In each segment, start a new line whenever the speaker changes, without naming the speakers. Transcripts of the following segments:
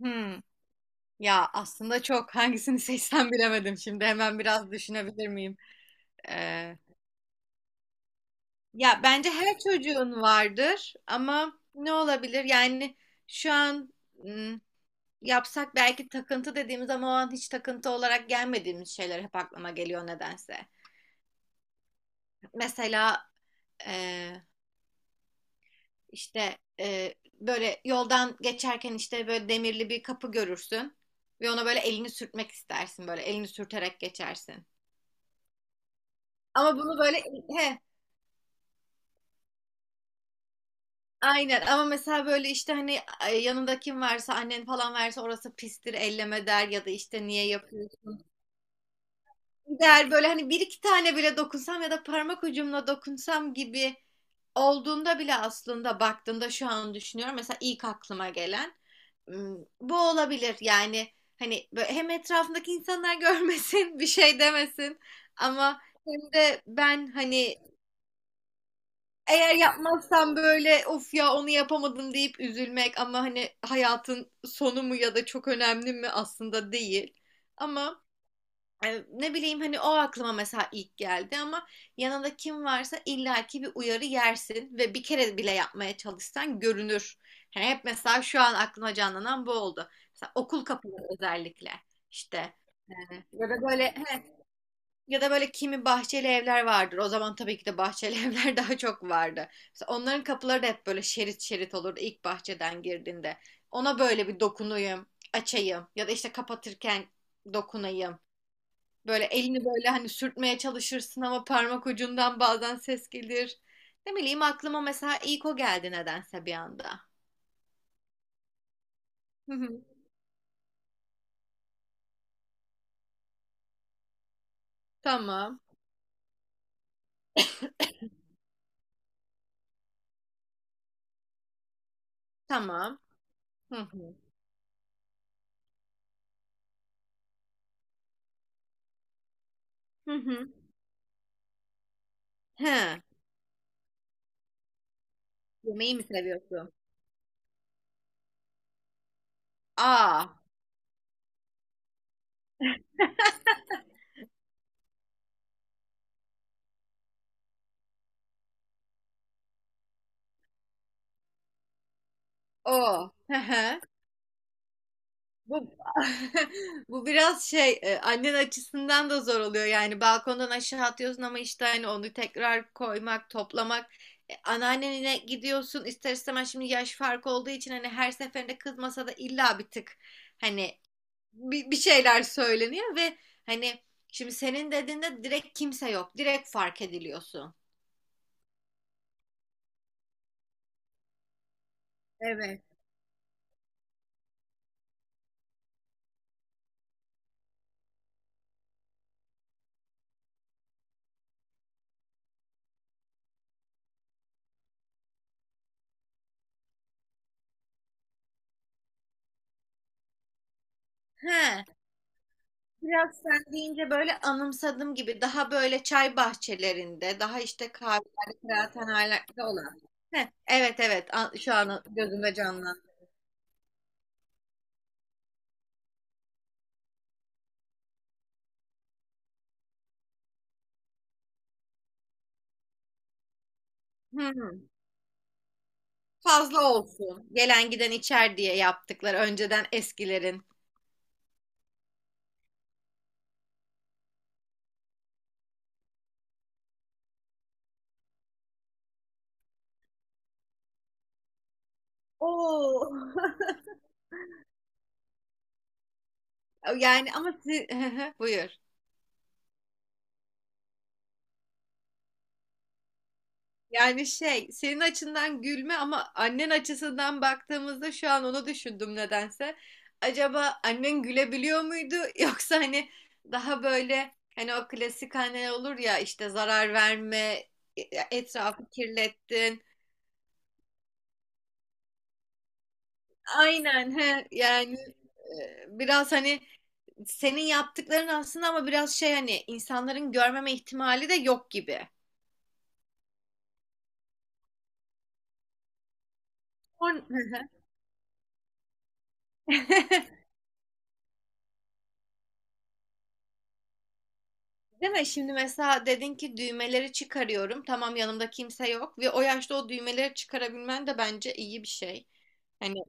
Hmm. Ya aslında çok hangisini seçsem bilemedim. Şimdi hemen biraz düşünebilir miyim? Ee, Ya bence her çocuğun vardır ama ne olabilir? Yani şu an hmm, yapsak belki takıntı dediğimiz ama o an hiç takıntı olarak gelmediğimiz şeyler hep aklıma geliyor nedense. Mesela e, işte böyle yoldan geçerken işte böyle demirli bir kapı görürsün ve ona böyle elini sürtmek istersin böyle elini sürterek geçersin. Ama bunu böyle he. Aynen ama mesela böyle işte hani yanında kim varsa annen falan varsa orası pistir elleme der ya da işte niye yapıyorsun der böyle hani bir iki tane bile dokunsam ya da parmak ucumla dokunsam gibi olduğunda bile aslında baktığımda şu an düşünüyorum mesela ilk aklıma gelen m, bu olabilir yani hani böyle hem etrafındaki insanlar görmesin bir şey demesin ama hem de ben hani eğer yapmazsan böyle of ya onu yapamadım deyip üzülmek ama hani hayatın sonu mu ya da çok önemli mi aslında değil. Ama ne bileyim hani o aklıma mesela ilk geldi ama yanında kim varsa illaki bir uyarı yersin ve bir kere bile yapmaya çalışsan görünür. Hani hep mesela şu an aklıma canlanan bu oldu. Mesela okul kapıları özellikle işte. Yani ya da böyle ya da böyle kimi bahçeli evler vardır. O zaman tabii ki de bahçeli evler daha çok vardı. Mesela onların kapıları da hep böyle şerit şerit olurdu ilk bahçeden girdiğinde. Ona böyle bir dokunayım, açayım ya da işte kapatırken dokunayım. Böyle elini böyle hani sürtmeye çalışırsın ama parmak ucundan bazen ses gelir. Ne bileyim aklıma mesela ilk o geldi nedense bir anda. Hı hı. Tamam, tamam. Hı hı. Hı hı. He. Yemeği mi seviyorsun? Aa, o. Hı hı. Bu bu biraz şey annen açısından da zor oluyor yani balkondan aşağı atıyorsun ama işte hani onu tekrar koymak toplamak. E, anneannene gidiyorsun ister istemez şimdi yaş farkı olduğu için hani her seferinde kızmasa da illa bir tık hani bir şeyler söyleniyor ve hani şimdi senin dediğinde direkt kimse yok direkt fark ediliyorsun. Evet. He. Biraz sen deyince böyle anımsadım gibi daha böyle çay bahçelerinde, daha işte kahvelerde, kıraathanelerde olan. Heh, evet evet A- şu an gözümde canlandı. Hmm. Fazla olsun. Gelen giden içer diye yaptıkları önceden eskilerin. Oo. Yani ama siz... Buyur. Yani şey, senin açından gülme ama annen açısından baktığımızda şu an onu düşündüm nedense. Acaba annen gülebiliyor muydu yoksa hani daha böyle hani o klasik anneler olur ya işte zarar verme, etrafı kirlettin. Aynen he yani biraz hani senin yaptıkların aslında ama biraz şey hani insanların görmeme ihtimali de yok gibi. On... Değil mi? Şimdi mesela dedin ki düğmeleri çıkarıyorum. Tamam yanımda kimse yok ve o yaşta o düğmeleri çıkarabilmen de bence iyi bir şey. Hani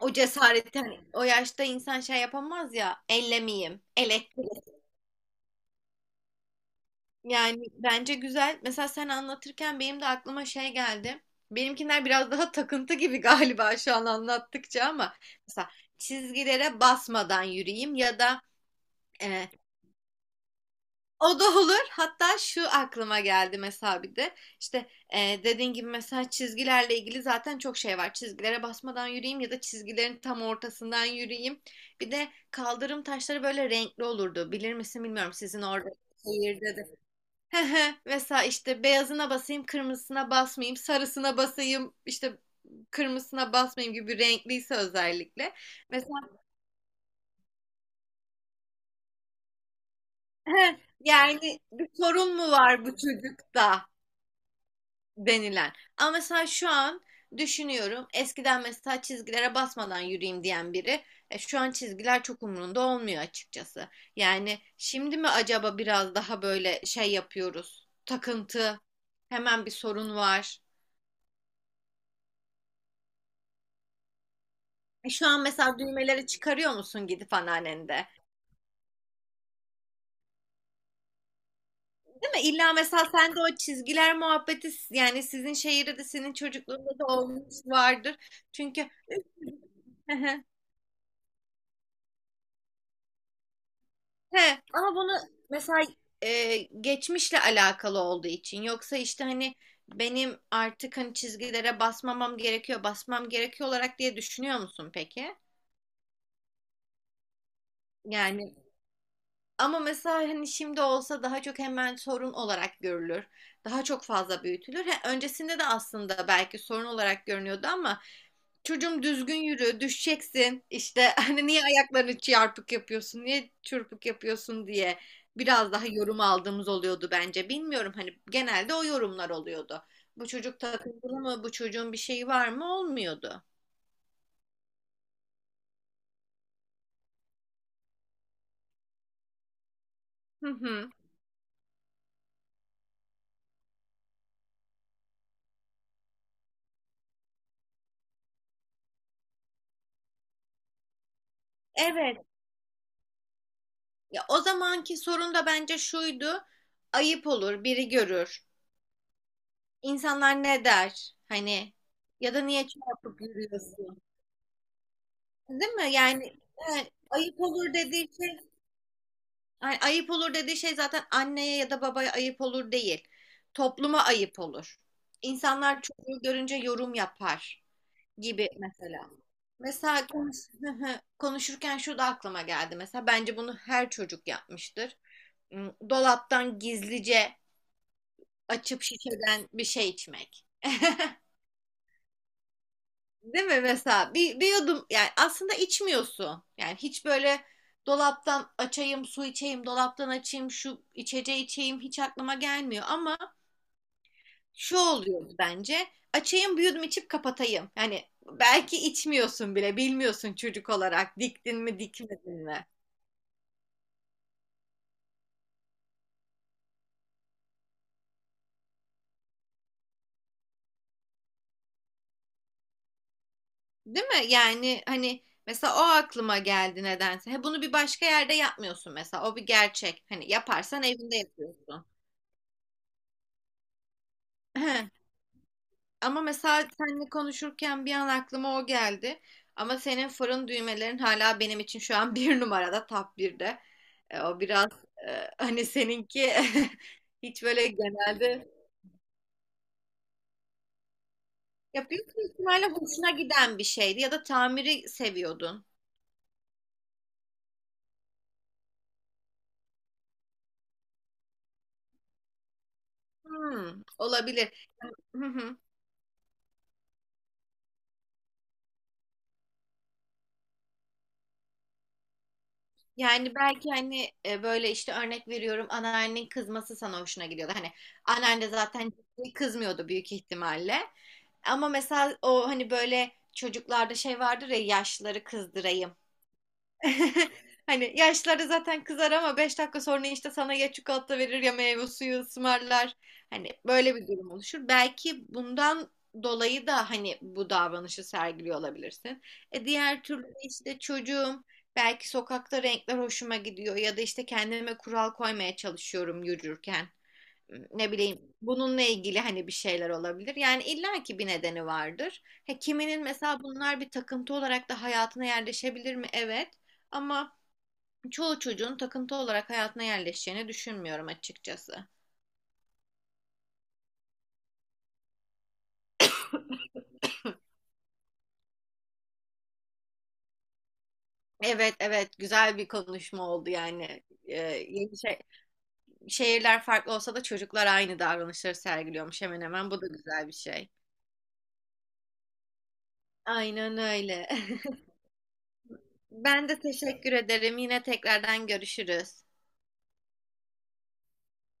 o cesareti hani o yaşta insan şey yapamaz ya ellemeyeyim, elektrik. Yani bence güzel. Mesela sen anlatırken benim de aklıma şey geldi. Benimkiler biraz daha takıntı gibi galiba şu an anlattıkça ama mesela çizgilere basmadan yürüyeyim ya da e, o da olur. Hatta şu aklıma geldi mesela bir de. İşte dediğin gibi mesela çizgilerle ilgili zaten çok şey var. Çizgilere basmadan yürüyeyim ya da çizgilerin tam ortasından yürüyeyim. Bir de kaldırım taşları böyle renkli olurdu. Bilir misin bilmiyorum sizin orada şehirde de. Hı hı. Mesela işte beyazına basayım, kırmızısına basmayayım, sarısına basayım, işte kırmızısına basmayayım gibi renkliyse özellikle. Mesela yani bir sorun mu var bu çocukta? Denilen. Ama mesela şu an düşünüyorum. Eskiden mesela çizgilere basmadan yürüyeyim diyen biri şu an çizgiler çok umurunda olmuyor açıkçası. Yani şimdi mi acaba biraz daha böyle şey yapıyoruz? Takıntı, hemen bir sorun var. E, şu an mesela düğmeleri çıkarıyor musun gidip anneannende? Değil mi? İlla mesela sen de o çizgiler muhabbeti yani sizin şehirde de senin çocukluğunda da olmuş vardır. Çünkü he, ama bunu mesela geçmişle alakalı olduğu için yoksa işte hani benim artık hani çizgilere basmamam gerekiyor, basmam gerekiyor olarak diye düşünüyor musun peki? Yani ama mesela hani şimdi olsa daha çok hemen sorun olarak görülür. Daha çok fazla büyütülür. He, öncesinde de aslında belki sorun olarak görünüyordu ama çocuğum düzgün yürü, düşeceksin. İşte hani niye ayaklarını çarpık yapıyorsun, niye çırpık yapıyorsun diye biraz daha yorum aldığımız oluyordu bence. Bilmiyorum hani genelde o yorumlar oluyordu. Bu çocuk takıntılı mı, bu çocuğun bir şeyi var mı olmuyordu. Hı hı. Evet. Ya, o zamanki sorun da bence şuydu. Ayıp olur, biri görür. İnsanlar ne der? Hani ya da niye çarpık yürüyorsun? Değil mi? Yani evet, ayıp olur dediği şey Ay- ayıp olur dediği şey zaten anneye ya da babaya ayıp olur değil. Topluma ayıp olur. İnsanlar çocuğu görünce yorum yapar gibi mesela. Mesela konuş konuşurken şu da aklıma geldi. Mesela bence bunu her çocuk yapmıştır. Hmm, dolaptan gizlice açıp şişeden bir şey içmek. Değil mi mesela bir yudum yani aslında içmiyorsun. Yani hiç böyle dolaptan açayım su içeyim dolaptan açayım şu içeceği içeyim hiç aklıma gelmiyor ama şu oluyor bence açayım bir yudum içip kapatayım. Yani belki içmiyorsun bile bilmiyorsun çocuk olarak diktin mi dikmedin mi. Değil mi? Yani hani mesela o aklıma geldi nedense. He, bunu bir başka yerde yapmıyorsun mesela o bir gerçek hani yaparsan evinde yapıyorsun. Ama mesela seninle konuşurken bir an aklıma o geldi. Ama senin fırın düğmelerin hala benim için şu an bir numarada top 1'de. O biraz hani seninki hiç böyle genelde ya büyük bir ihtimalle hoşuna giden bir şeydi ya da tamiri seviyordun. Hmm, olabilir. Yani belki hani böyle işte örnek veriyorum anneannenin kızması sana hoşuna gidiyordu. Hani anneanne zaten ciddi kızmıyordu büyük ihtimalle. Ama mesela o hani böyle çocuklarda şey vardır ya yaşlıları kızdırayım. Hani yaşları zaten kızar ama 5 dakika sonra işte sana ya çikolata verir ya meyve suyu ısmarlar. Hani böyle bir durum oluşur. Belki bundan dolayı da hani bu davranışı sergiliyor olabilirsin. E diğer türlü de işte çocuğum belki sokakta renkler hoşuma gidiyor ya da işte kendime kural koymaya çalışıyorum yürürken ne bileyim bununla ilgili hani bir şeyler olabilir. Yani illaki bir nedeni vardır. He, kiminin mesela bunlar bir takıntı olarak da hayatına yerleşebilir mi? Evet. Ama çoğu çocuğun takıntı olarak hayatına yerleşeceğini düşünmüyorum açıkçası. Evet evet güzel bir konuşma oldu yani. Ee, yeni şey, şehirler farklı olsa da çocuklar aynı davranışları sergiliyormuş hemen hemen. Bu da güzel bir şey. Aynen öyle. Ben de teşekkür ederim. Yine tekrardan görüşürüz.